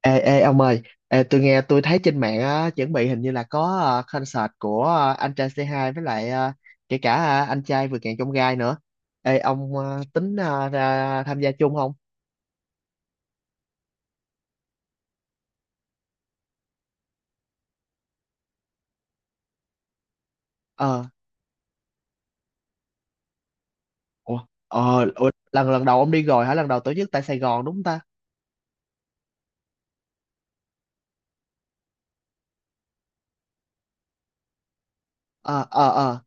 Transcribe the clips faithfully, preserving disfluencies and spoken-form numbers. Ê, ê ông ơi, ê, tôi nghe tôi thấy trên mạng á, chuẩn bị hình như là có ờ, concert của ờ, anh trai xê hai với lại ờ, kể cả ờ, anh trai vượt ngàn chông gai nữa. Ê ông ờ, tính ờ, ra tham gia chung không? Ờ. Ủa. Ờ. Ủa, lần lần đầu ông đi rồi hả? Lần đầu tổ chức tại Sài Gòn đúng không ta? Ờ, ờ, ờ,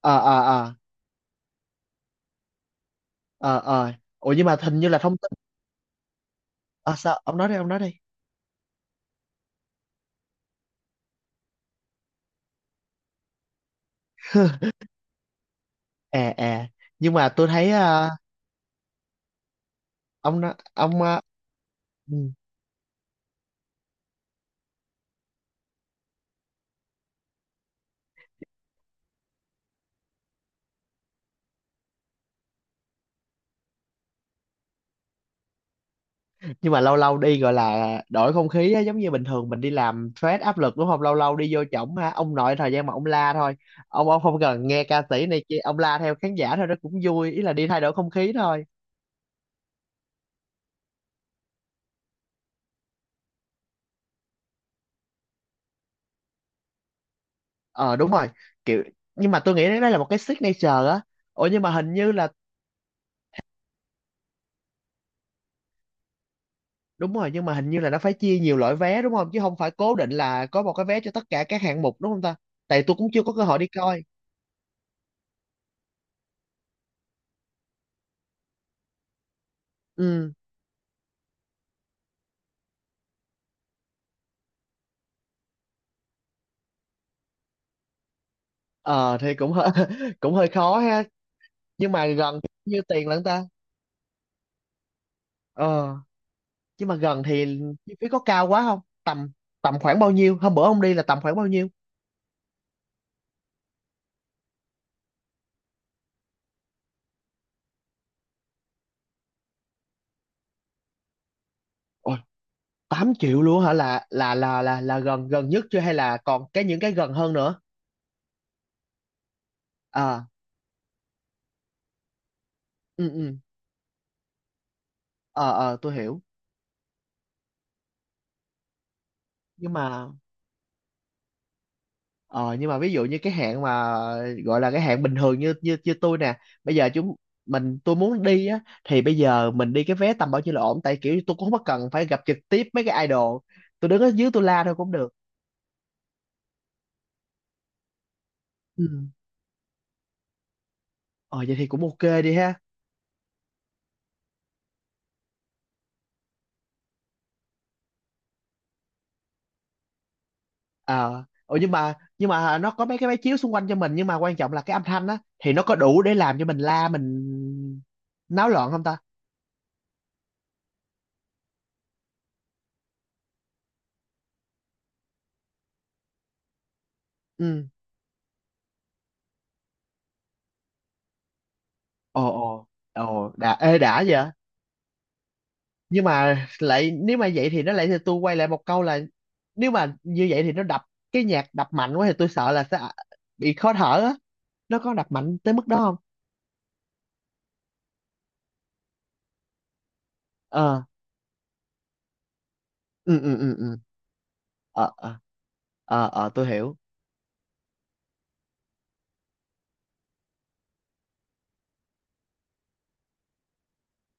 ờ, ờ, ờ, ờ, ờ. Ủa nhưng mà hình như là thông tin. Ờ sao? Ông nói đi, ông nói đi. À à, nhưng mà tôi thấy. Ờ, ông nó- ông ờ, ừ. Nhưng mà lâu lâu đi gọi là đổi không khí á, giống như bình thường mình đi làm stress áp lực đúng không, lâu lâu đi vô trỏng ha ông nội, thời gian mà ông la thôi, ông ông không cần nghe ca sĩ này kia, ông la theo khán giả thôi, nó cũng vui, ý là đi thay đổi không khí thôi. Ờ đúng rồi, kiểu, nhưng mà tôi nghĩ đấy là một cái signature á. Ủa nhưng mà hình như là đúng rồi, nhưng mà hình như là nó phải chia nhiều loại vé đúng không, chứ không phải cố định là có một cái vé cho tất cả các hạng mục đúng không ta? Tại tôi cũng chưa có cơ hội đi coi. Ừ. Ờ thì cũng hơi cũng hơi khó ha, nhưng mà gần như tiền lận ta. Ờ nhưng mà gần thì chi phí có cao quá không, tầm tầm khoảng bao nhiêu hôm bữa ông đi là tầm khoảng bao nhiêu? Ôi, tám triệu luôn hả, là là là là là gần, gần nhất chưa hay là còn cái những cái gần hơn nữa? À, ừ ừ, ờ ờ, tôi hiểu. Nhưng mà ờ nhưng mà ví dụ như cái hạn mà gọi là cái hạn bình thường, như như như tôi nè, bây giờ chúng mình tôi muốn đi á, thì bây giờ mình đi cái vé tầm bao nhiêu là ổn, tại kiểu tôi cũng không có cần phải gặp trực tiếp mấy cái idol, tôi đứng ở dưới tôi la thôi cũng được. Ừ. Ờ vậy thì cũng ok đi ha. Ờ, ủa nhưng mà nhưng mà nó có mấy cái máy chiếu xung quanh cho mình, nhưng mà quan trọng là cái âm thanh á thì nó có đủ để làm cho mình la, mình náo loạn không ta? Ừ. Ồ ồ. Ồ đã, ê đã vậy. Nhưng mà lại nếu mà vậy thì nó lại, thì tôi quay lại một câu là nếu mà như vậy thì nó đập, cái nhạc đập mạnh quá thì tôi sợ là sẽ bị khó thở á, nó có đập mạnh tới mức đó không? Ờ, ừ ừ ừ ừ, ờ, ờ, ờ, ờ, tôi hiểu.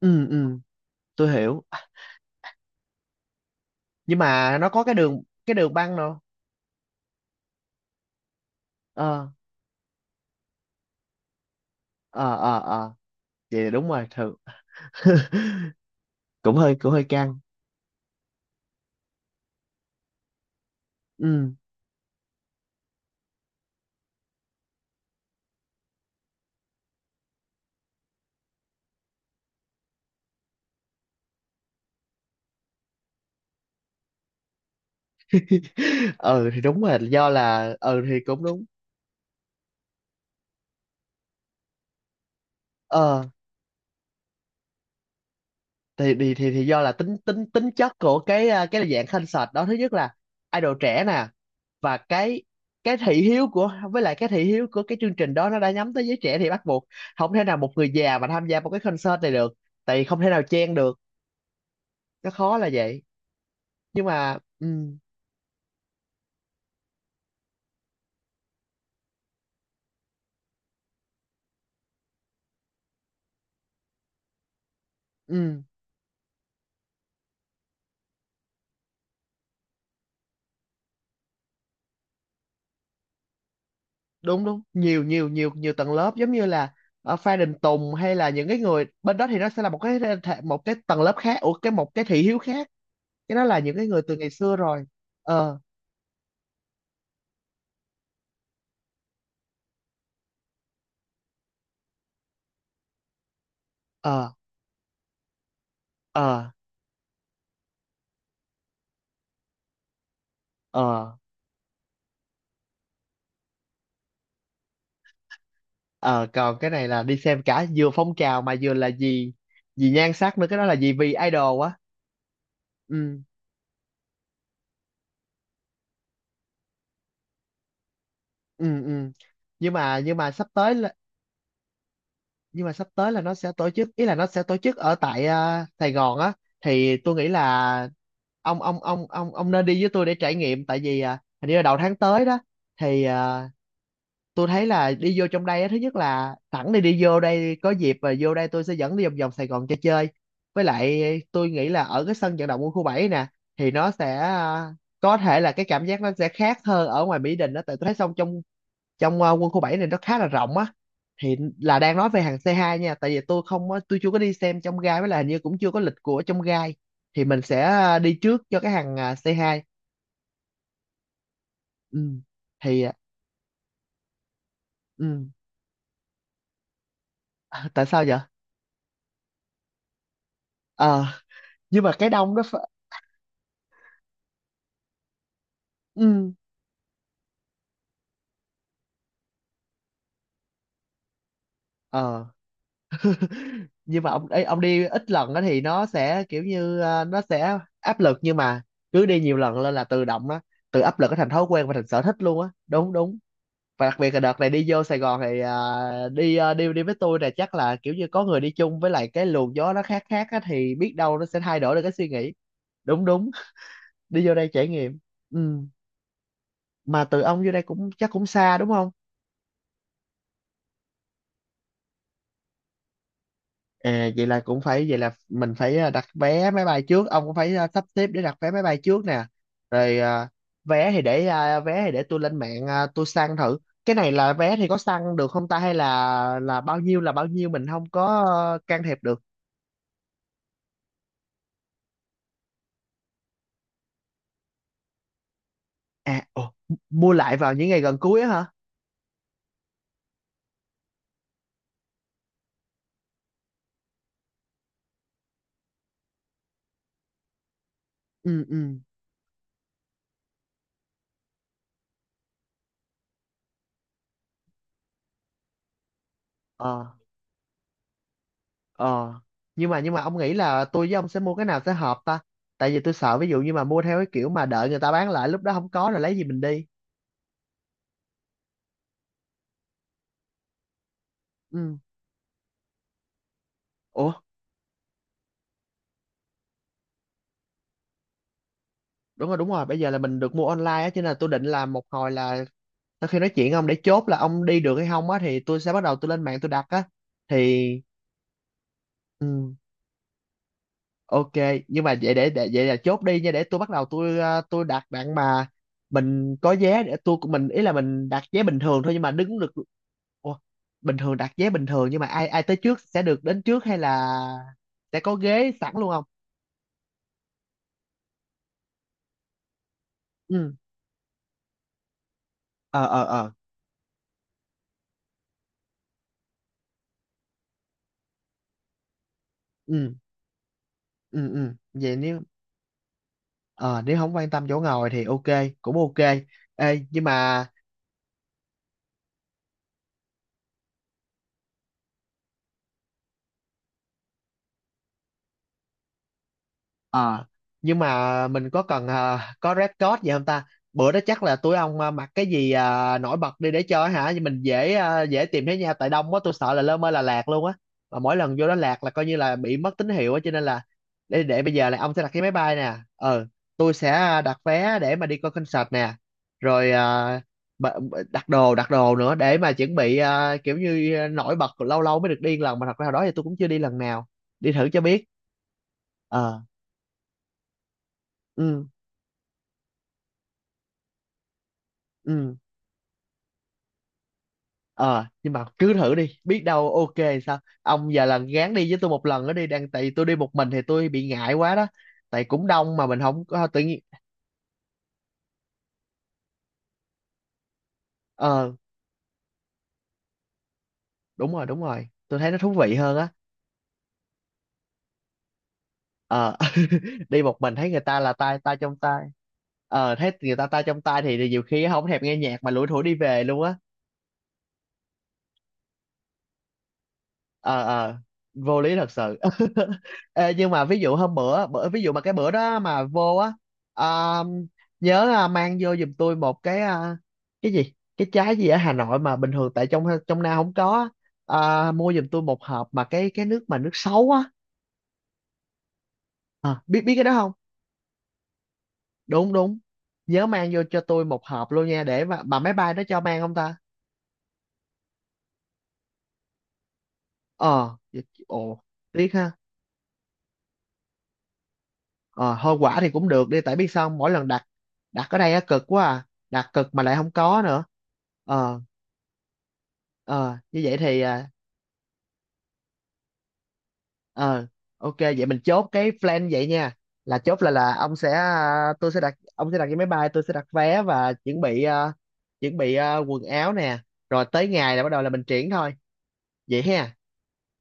Ừ ừ, tôi hiểu. Nhưng mà nó có cái đường, cái đường băng đâu? Ờ ờ ờ, vậy là đúng rồi thường. Cũng hơi, cũng hơi căng. Ừ. Ừ thì đúng rồi, do là ừ thì cũng đúng. Ờ thì thì thì, thì do là tính tính tính chất của cái à, cái dạng concert đó. Thứ nhất là idol trẻ nè, và cái cái thị hiếu của, với lại cái thị hiếu của cái chương trình đó nó đã nhắm tới giới trẻ, thì bắt buộc không thể nào một người già mà tham gia một cái concert này được, tại vì không thể nào chen được, nó khó là vậy. Nhưng mà ừ, ừ đúng đúng, nhiều nhiều nhiều nhiều tầng lớp, giống như là ở Phan Đình Tùng hay là những cái người bên đó thì nó sẽ là một cái thể- một cái tầng lớp khác, ủa cái một cái thị hiếu khác, cái đó là những cái người từ ngày xưa rồi. Ờ, ờ, ờ, ờ, ờ, còn cái này là đi xem cả vừa phong trào mà vừa là gì, gì nhan sắc nữa, cái đó là gì, vì idol á. Ừ ừ, ừ nhưng mà nhưng mà sắp tới, nhưng mà sắp tới là nó sẽ tổ chức, ý là nó sẽ tổ chức ở tại à, Sài Gòn á, thì tôi nghĩ là ông ông ông ông ông nên đi với tôi để trải nghiệm, tại vì à, hình như là đầu tháng tới đó, thì à, tôi thấy là đi vô trong đây á, thứ nhất là sẵn đi, đi vô đây có dịp, và vô đây tôi sẽ dẫn đi vòng vòng Sài Gòn cho chơi, với lại tôi nghĩ là ở cái sân vận động quân khu bảy nè, thì nó sẽ à, có thể là cái cảm giác nó sẽ khác hơn ở ngoài Mỹ Đình đó, tại tôi thấy xong trong trong ờ, quân khu bảy này nó khá là rộng á, thì là đang nói về hàng xê hai nha, tại vì tôi không có- tôi chưa có đi xem trong gai, với là hình như cũng chưa có lịch của trong gai, thì mình sẽ ờ, đi trước cho cái hàng ờ, xê hai. Ừ, thì ờ, ừ. À, tại sao vậy? Ờ nhưng mà cái đông nó ph- ừ. Ờ nhưng mà ông ấy ông đi ít lần á thì nó sẽ kiểu như ờ, nó sẽ áp lực, nhưng mà cứ đi nhiều lần lên là tự động đó, tự áp lực nó thành thói quen và thành sở thích luôn á. Đúng đúng. Và đặc biệt là đợt này đi vô Sài Gòn thì à, đi à, đi đi với tôi là chắc là kiểu như có người đi chung, với lại cái luồng gió nó khác khác á, thì biết đâu nó sẽ thay đổi được cái suy nghĩ. Đúng đúng, đi vô đây trải nghiệm. Ừ. Mà từ ông vô đây cũng chắc cũng xa đúng không? À vậy là cũng phải, vậy là mình phải à, đặt vé máy bay trước, ông cũng phải à, sắp xếp để đặt vé máy bay trước nè, rồi à, vé thì để à, vé thì để tôi lên mạng à, tôi săn thử. Cái này là vé thì có săn được không ta, hay là là bao nhiêu là bao nhiêu mình không có ờ, can thiệp được? À ồ, mua lại vào những ngày gần cuối á hả? Ừ ừ, ờ ờ, nhưng mà nhưng mà ông nghĩ là tôi với ông sẽ mua cái nào sẽ hợp ta, tại vì tôi sợ ví dụ như mà mua theo cái kiểu mà đợi người ta bán lại, lúc đó không có rồi lấy gì mình đi? Ừ, ủa. Đúng rồi đúng rồi, bây giờ là mình được mua online á, cho nên là tôi định là một hồi là sau khi nói chuyện ông để chốt là ông đi được hay không á thì tôi sẽ bắt đầu tôi lên mạng tôi đặt á, thì ừ. Ok, nhưng mà vậy để, để vậy là chốt đi nha, để tôi bắt đầu tôi ờ, tôi đặt bạn mà. Mình có vé để tôi của mình, ý là mình đặt vé bình thường thôi nhưng mà đứng được. Ủa, bình thường đặt vé bình thường nhưng mà ai ai tới trước sẽ được đến trước hay là sẽ có ghế sẵn luôn không? Ừ, ờ ờ ờ, ừ ừ ừ. Vậy nếu ờ nếu không quan tâm chỗ ngồi thì ok, cũng ok. Ê, nhưng mà. Ờ, nhưng mà mình có cần ờ, có red code gì không ta? Bữa đó chắc là tụi ông ờ, mặc cái gì ờ, nổi bật đi để chơi hả? Nhưng mình dễ ờ, dễ tìm thấy nhau, tại đông quá tôi sợ là lơ mơ là lạc luôn á. Mà mỗi lần vô đó lạc là coi như là bị mất tín hiệu á, cho nên là để để bây giờ là ông sẽ đặt cái máy bay nè. Ờ, tôi sẽ ờ, đặt vé để mà đi coi concert nè. Rồi ờ, b- b- đặt đồ đặt đồ nữa để mà chuẩn bị ờ, kiểu như ờ, nổi bật, lâu lâu mới được đi một lần, mà thật ra hồi đó thì tôi cũng chưa đi lần nào. Đi thử cho biết. Ờ, ừ. Ừ. Ờ nhưng mà cứ thử đi biết đâu ok. Sao ông giờ là gán đi với tôi một lần nữa đi đang, tại vì tôi đi một mình thì tôi bị ngại quá đó, tại cũng đông mà mình không có tự nhiên. Ờ đúng rồi đúng rồi, tôi thấy nó thú vị hơn á. Ờ đi một mình thấy người ta là tay tay trong tay. Ờ thấy người ta tay trong tay thì nhiều khi không thèm nghe nhạc mà lủi thủi đi về luôn á. Ờ ờ, vô lý thật sự. Ê, nhưng mà ví dụ hôm bữa bữa, ví dụ mà cái bữa đó mà vô á, à, nhớ à, mang vô giùm tôi một cái à, cái gì cái trái gì ở Hà Nội mà bình thường tại trong trong Nam không có á. À, mua giùm tôi một hộp mà cái cái nước mà nước sấu á. à, biết Biết cái đó không? Đúng đúng, nhớ mang vô cho tôi một hộp luôn nha, để mà, mà máy bay nó cho mang không ta? Ờ vậy- ồ, tiếc ha. Ờ, hơi quả thì cũng được đi, tại biết sao không? Mỗi lần đặt, đặt ở đây á cực quá, à đặt cực mà lại không có nữa. Ờ ờ, như vậy thì à, ờ ok, vậy mình chốt cái plan vậy nha, là chốt là là ông sẽ à, tôi sẽ đặt, ông sẽ đặt cái máy bay, tôi sẽ đặt vé và chuẩn bị à, chuẩn bị à, quần áo nè, rồi tới ngày là bắt đầu là mình triển thôi vậy ha.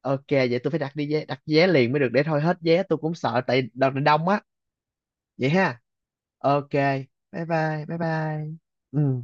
Ok vậy tôi phải đặt đi vé, đặt vé liền mới được, để thôi hết vé tôi cũng sợ tại đợt này đông á, vậy ha, ok. Bye bye bye bye. Ừ.